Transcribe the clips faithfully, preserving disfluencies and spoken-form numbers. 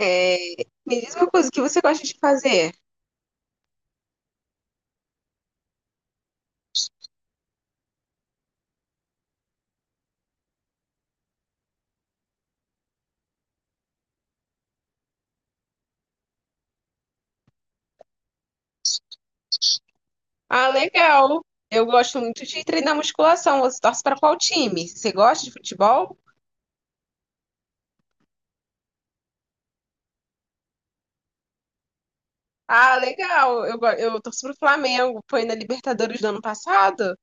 É, me diz uma coisa, o que você gosta de fazer? Ah, legal. Eu gosto muito de treinar musculação. Você torce para qual time? Você gosta de futebol? Ah, legal. Eu, go- eu torço pro Flamengo. Foi na Libertadores do ano passado?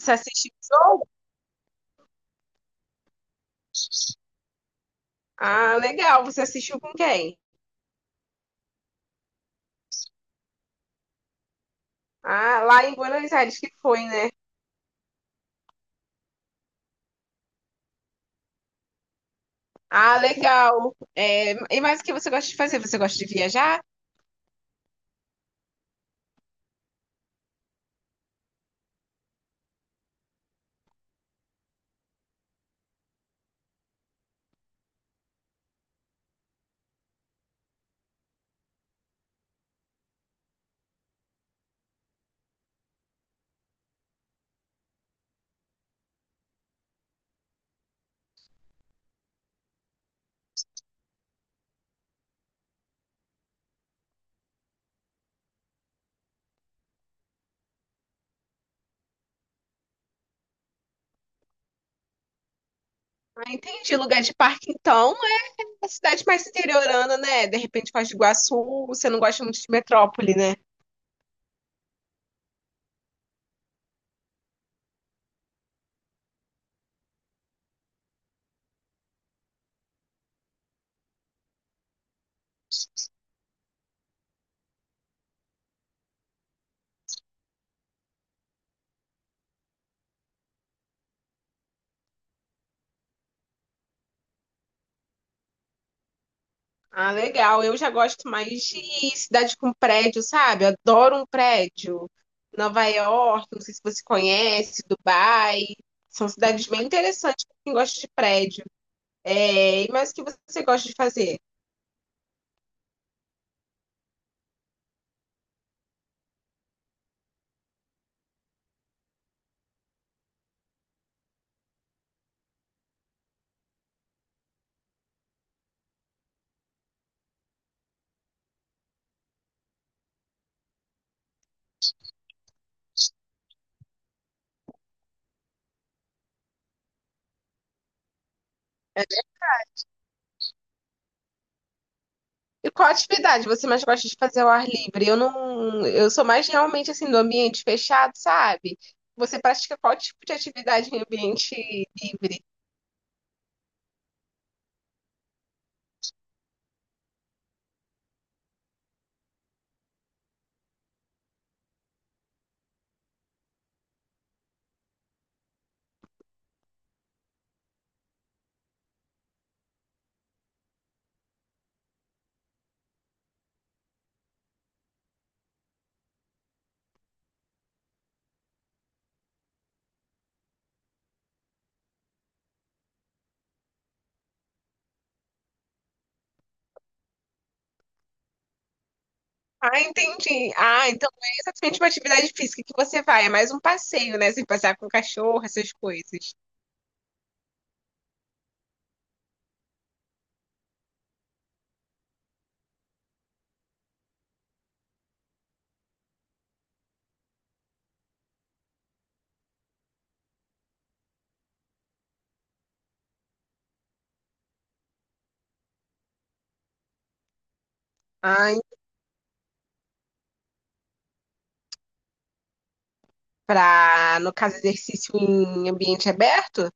Você assistiu o jogo? Ah, legal. Você assistiu com quem? Ah, lá em Buenos Aires que foi, né? Ah, legal. É, e mais o que você gosta de fazer? Você gosta de viajar? Ah, entendi. Lugar de parque, então. É cidade mais interiorana, né? De repente, Foz do Iguaçu, você não gosta muito de metrópole, né? Ah, legal. Eu já gosto mais de cidade com prédio, sabe? Adoro um prédio. Nova York, não sei se você conhece, Dubai. São cidades bem interessantes para quem gosta de prédio. É, e mais o que você gosta de fazer? E qual atividade você mais gosta de fazer ao ar livre? Eu não, eu sou mais realmente assim do ambiente fechado, sabe? Você pratica qual tipo de atividade em ambiente livre? Ah, entendi. Ah, então não é exatamente uma atividade física que você vai, é mais um passeio, né? Você passear com o cachorro, essas coisas. Ah, en- pra, no caso, exercício em ambiente aberto?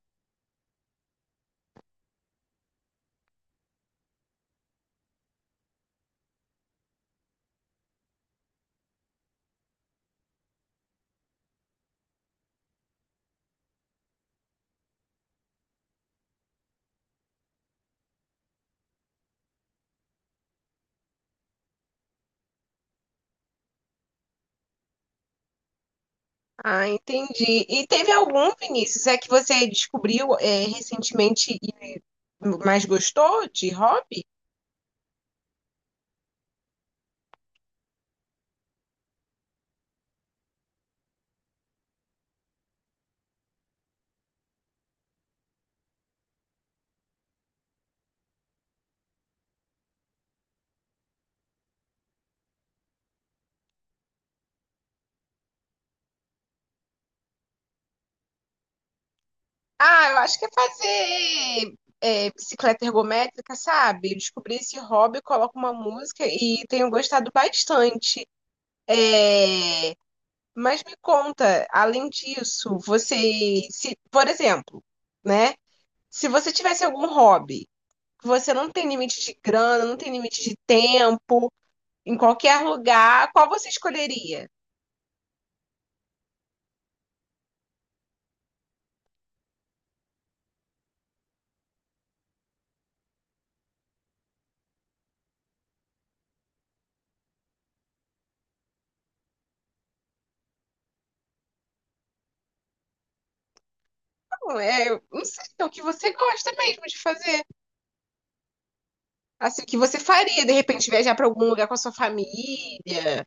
Ah, entendi. E teve algum, Vinícius, é que você descobriu é, recentemente e mais gostou de hobby? Ah, eu acho que é fazer é, bicicleta ergométrica, sabe? Eu descobri esse hobby, coloco uma música e tenho gostado bastante. É, mas me conta, além disso, você, se, por exemplo, né? Se você tivesse algum hobby, que você não tem limite de grana, não tem limite de tempo, em qualquer lugar, qual você escolheria? Não, é, eu não sei, é o que você gosta mesmo de fazer. Assim, o que você faria, de repente, viajar para algum lugar com a sua família.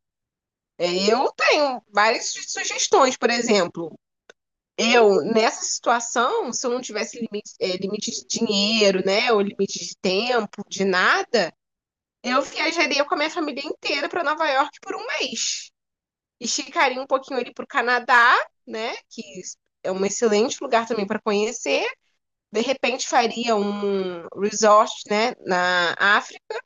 É, eu tenho várias sugestões, por exemplo. Eu, nessa situação, se eu não tivesse limite, eh, limite de dinheiro, né, ou limite de tempo, de nada, eu viajaria com a minha família inteira para Nova York por um mês. Esticaria um pouquinho ali para o Canadá, né, que é um excelente lugar também para conhecer. De repente, faria um resort, né, na África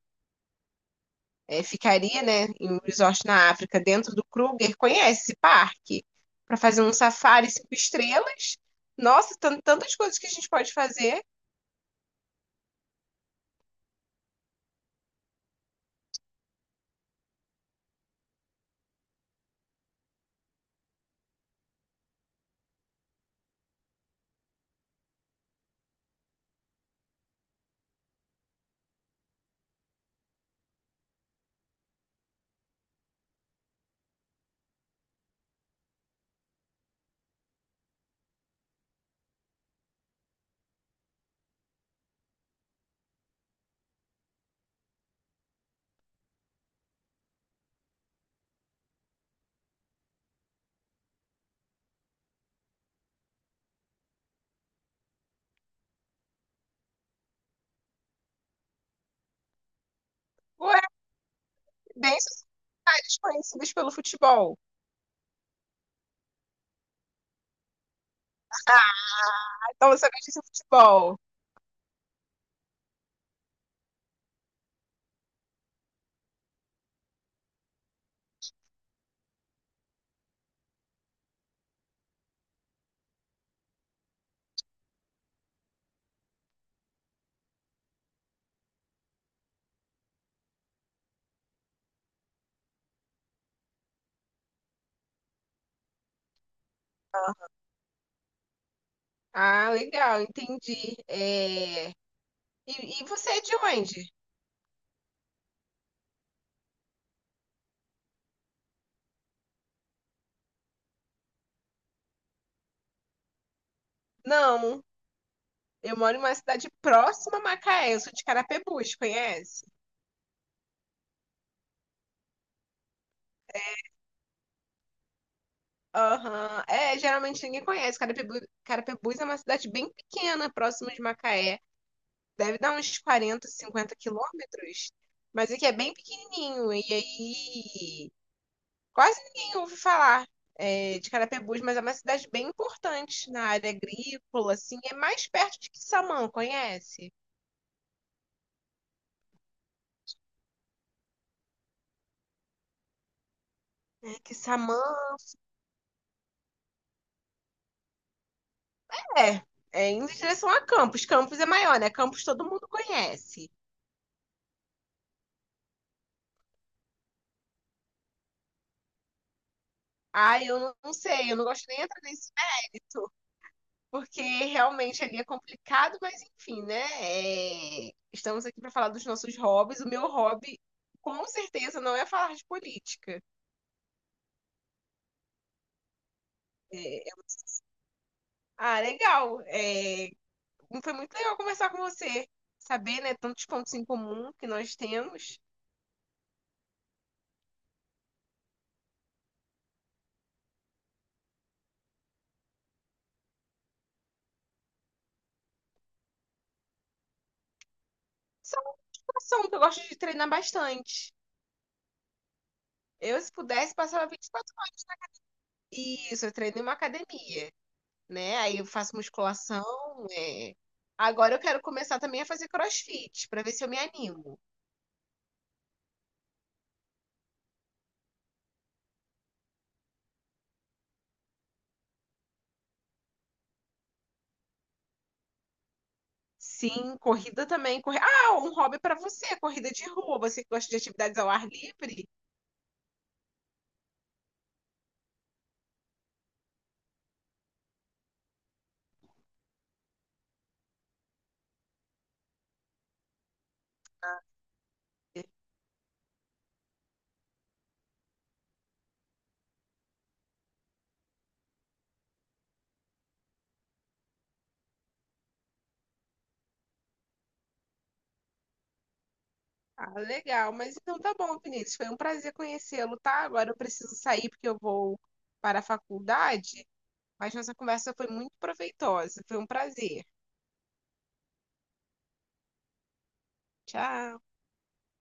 é, ficaria, né, em um resort na África, dentro do Kruger, conhece esse parque? Para fazer um safari cinco estrelas. Nossa, tan- tantas coisas que a gente pode fazer. Ué, bem sociedades conhecidas pelo futebol. Ah, então você gosta de futebol. Ah, legal, entendi. É, E, e você é de onde? Não, eu moro em uma cidade próxima a Macaé, eu sou de Carapebus, conhece? Aham, é, geralmente ninguém conhece. Carapibu- Carapebus é uma cidade bem pequena, próximo de Macaé. Deve dar uns quarenta cinquenta quilômetros, mas aqui é bem pequenininho. E aí, quase ninguém ouve falar é, de Carapebus, mas é uma cidade bem importante na área agrícola, assim. É mais perto de Quissamã, conhece? É, Quissamã é, é indo em direção a Campos. Campos é maior, né? Campos todo mundo conhece. Ah, eu não, não sei, eu não gosto nem de entrar nesse porque realmente ali é complicado, mas enfim, né? É, estamos aqui para falar dos nossos hobbies. O meu hobby, com certeza, não é falar de política. É, é um, ah, legal. É, foi muito legal conversar com você, saber, né, tantos pontos em comum que nós temos. Só natação, que eu gosto de treinar bastante. Eu, se pudesse, passava vinte e quatro horas. Isso, eu treino em uma academia, né? Aí eu faço musculação, é, agora eu quero começar também a fazer crossfit, para ver se eu me animo. Sim, corrida também. Corri... Ah, um hobby para você, corrida de rua. Você que gosta de atividades ao ar livre? Ah, legal. Mas então tá bom, Vinícius. Foi um prazer conhecê-lo, tá? Agora eu preciso sair porque eu vou para a faculdade. Mas nossa conversa foi muito proveitosa. Foi um prazer. Tchau.